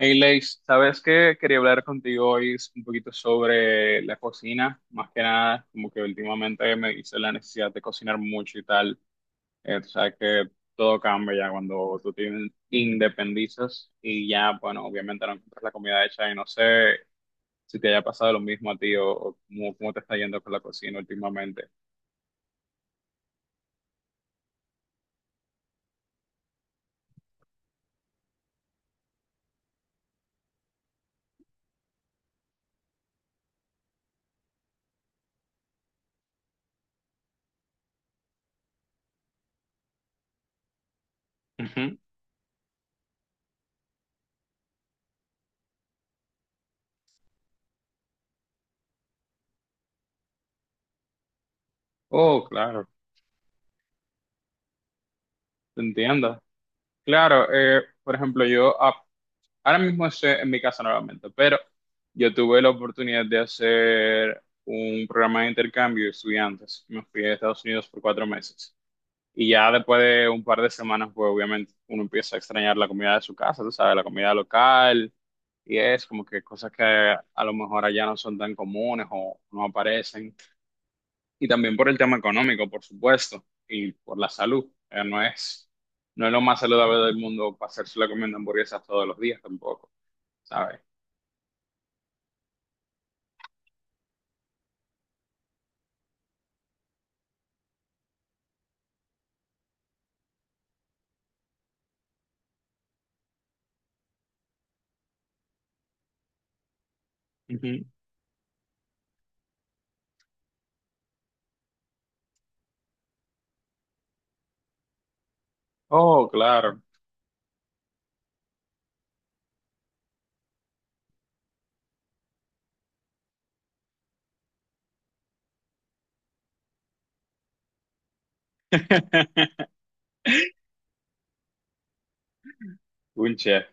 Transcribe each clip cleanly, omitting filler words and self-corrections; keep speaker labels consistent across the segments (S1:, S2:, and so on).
S1: Hey, Leis, sabes que quería hablar contigo hoy un poquito sobre la cocina, más que nada, como que últimamente me hice la necesidad de cocinar mucho y tal. Tú sabes que todo cambia ya cuando tú te independizas y ya, bueno, obviamente no encuentras la comida hecha y no sé si te haya pasado lo mismo a ti o cómo, cómo te está yendo con la cocina últimamente. Ujú. Oh, claro, te entiendo. Claro, por ejemplo, yo ahora mismo estoy en mi casa nuevamente, pero yo tuve la oportunidad de hacer un programa de intercambio de estudiantes. Me fui a Estados Unidos por cuatro meses. Y ya después de un par de semanas, pues obviamente uno empieza a extrañar la comida de su casa, tú sabes, la comida local. Y es como que cosas que a lo mejor allá no son tan comunes o no aparecen. Y también por el tema económico, por supuesto, y por la salud. No es lo más saludable del mundo pasarse la comiendo hamburguesas todos los días tampoco. ¿Sabes? Ujú. Oh, claro. Un chef.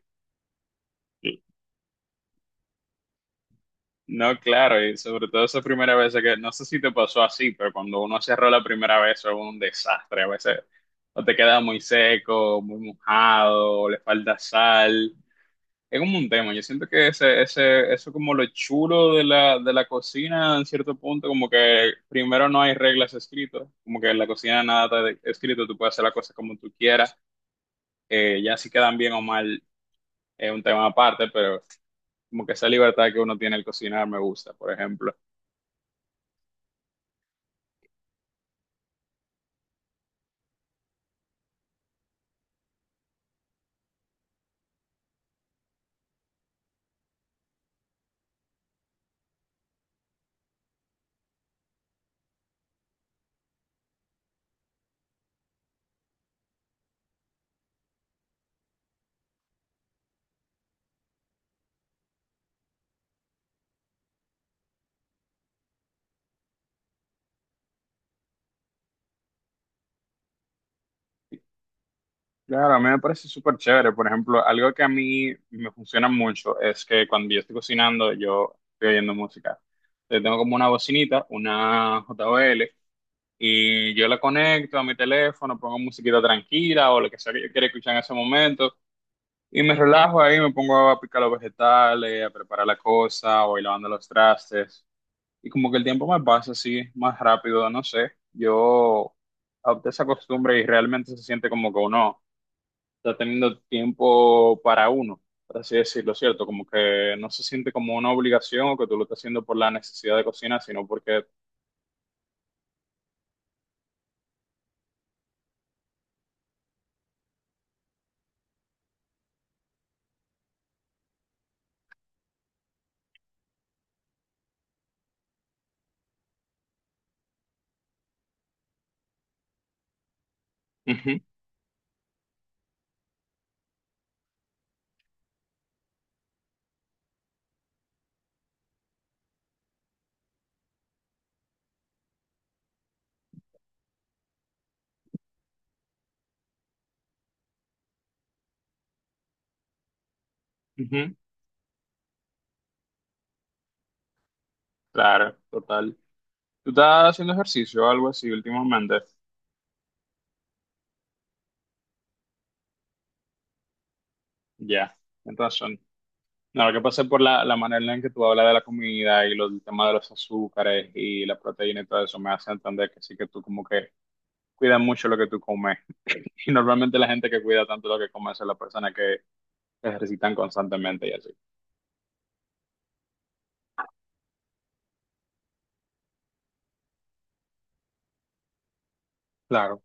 S1: No, claro, y sobre todo esa primera vez que, no sé si te pasó así, pero cuando uno cerró la primera vez es un desastre. A veces o te queda muy seco, muy mojado, o le falta sal. Es como un tema. Yo siento que eso como lo chulo de la cocina, en cierto punto, como que primero no hay reglas escritas, como que en la cocina nada está escrito, tú puedes hacer la cosa como tú quieras, ya si quedan bien o mal es un tema aparte, pero como que esa libertad que uno tiene al cocinar me gusta, por ejemplo. Claro, a mí me parece súper chévere. Por ejemplo, algo que a mí me funciona mucho es que cuando yo estoy cocinando, yo estoy oyendo música. Yo tengo como una bocinita, una JBL, y yo la conecto a mi teléfono, pongo musiquita tranquila o lo que sea que yo quiera escuchar en ese momento, y me relajo ahí, me pongo a picar los vegetales, a preparar la cosa, o ir lavando los trastes. Y como que el tiempo me pasa así más rápido, no sé. Yo adopté esa costumbre y realmente se siente como que uno está teniendo tiempo para uno, por así decirlo, ¿cierto? Como que no se siente como una obligación o que tú lo estás haciendo por la necesidad de cocina, sino porque... Ujú, ujú, claro, total. ¿Tú estás haciendo ejercicio o algo así últimamente? Ya, entonces ahora que pasé por la manera en que tú hablas de la comida y los, el tema de los azúcares y la proteína y todo eso, me hace entender que sí que tú como que cuidas mucho lo que tú comes. Y normalmente la gente que cuida tanto lo que come son las personas que se ejercitan constantemente y así. Claro,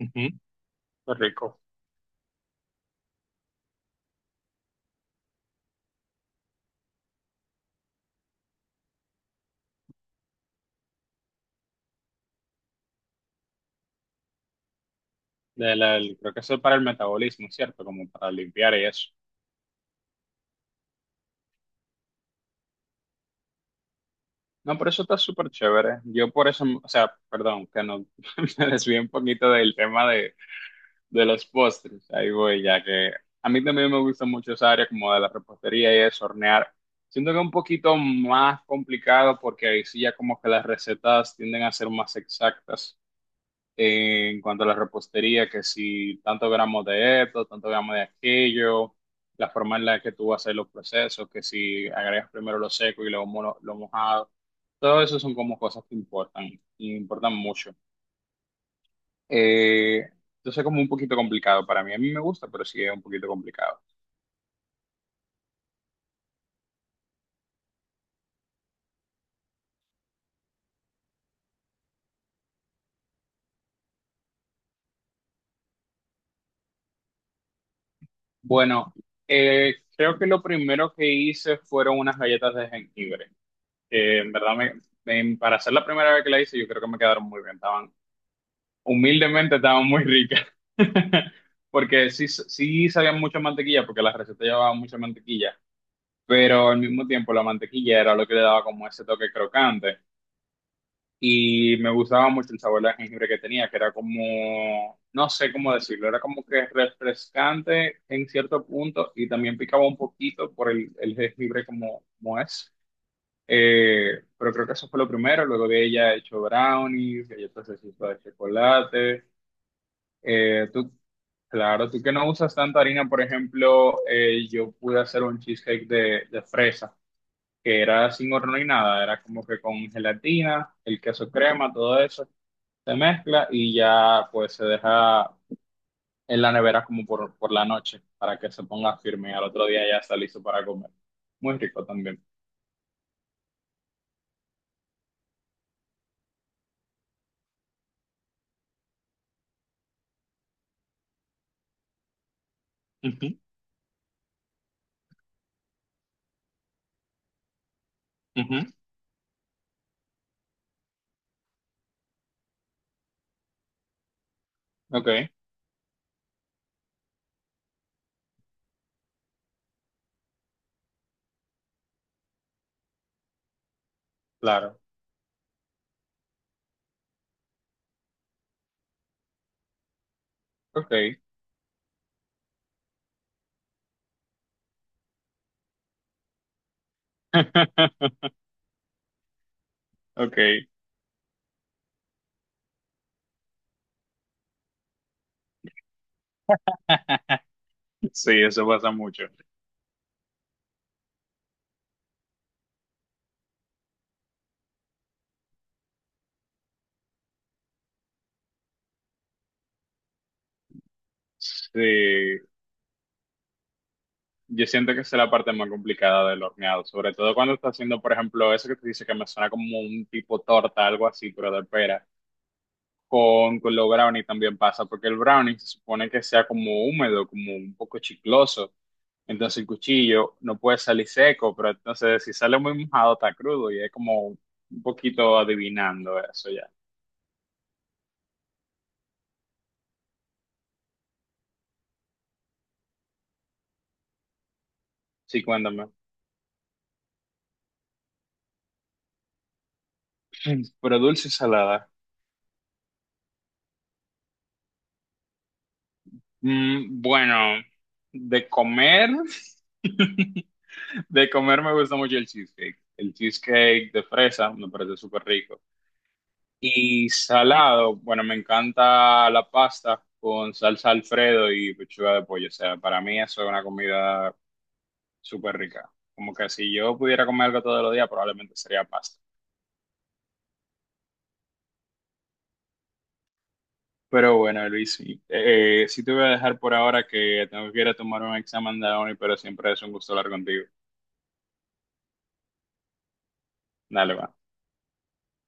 S1: ujú, qué rico. De la- el- creo que eso es para el metabolismo, ¿cierto? Como para limpiar y eso. No, pero eso está súper chévere. Yo por eso, o sea, perdón, que no me desvíe un poquito del tema. De los postres, ahí voy, ya que a mí también me gusta mucho esa área como de la repostería y es hornear. Siento que es un poquito más complicado porque ahí sí ya como que las recetas tienden a ser más exactas en cuanto a la repostería, que si tantos gramos de esto, tantos gramos de aquello, la forma en la que tú vas a hacer los procesos, que si agregas primero lo seco y luego lo mojado, todo eso son como cosas que importan y importan mucho. Eh, entonces es como un poquito complicado para mí. A mí me gusta, pero sí es un poquito complicado. Bueno, creo que lo primero que hice fueron unas galletas de jengibre, que en verdad, para ser la primera vez que la hice, yo creo que me quedaron muy bien. Estaban, humildemente, estaban muy ricas. Porque sí sabían mucha mantequilla, porque la receta llevaba mucha mantequilla. Pero al mismo tiempo, la mantequilla era lo que le daba como ese toque crocante. Y me gustaba mucho el sabor de jengibre que tenía, que era como, no sé cómo decirlo, era como que refrescante en cierto punto y también picaba un poquito por el jengibre como, como es. Pero creo que eso fue lo primero, luego de ella he hecho brownies, galletas de chispa de chocolate. Eh, tú, claro, tú que no usas tanta harina, por ejemplo, yo pude hacer un cheesecake de fresa, que era sin horno ni nada, era como que con gelatina, el queso crema, todo eso se mezcla y ya pues se deja en la nevera como por la noche para que se ponga firme y al otro día ya está listo para comer. Muy rico también. Ujú, ujú. Ok, claro. Ok. Ok. Sí, eso pasa mucho. Sí, yo siento que esa es la parte más complicada del horneado, sobre todo cuando estás haciendo, por ejemplo, eso que te dice que me suena como un tipo torta, algo así, pero de pera. Con los brownies también pasa, porque el brownie se supone que sea como húmedo, como un poco chicloso. Entonces el cuchillo no puede salir seco, pero entonces si sale muy mojado está crudo y es como un poquito adivinando eso ya. Sí, cuéntame. Pero dulce y salada. Mm, bueno, de comer, de comer me gusta mucho el cheesecake. El cheesecake de fresa me parece súper rico. Y salado, bueno, me encanta la pasta con salsa Alfredo y pechuga de pollo. O sea, para mí eso es una comida súper rica. Como que si yo pudiera comer algo todos los días, probablemente sería pasta. Pero bueno, Luis, sí, sí te voy a dejar por ahora que tengo que ir a tomar un examen de hoy, pero siempre es un gusto hablar contigo. Dale, va.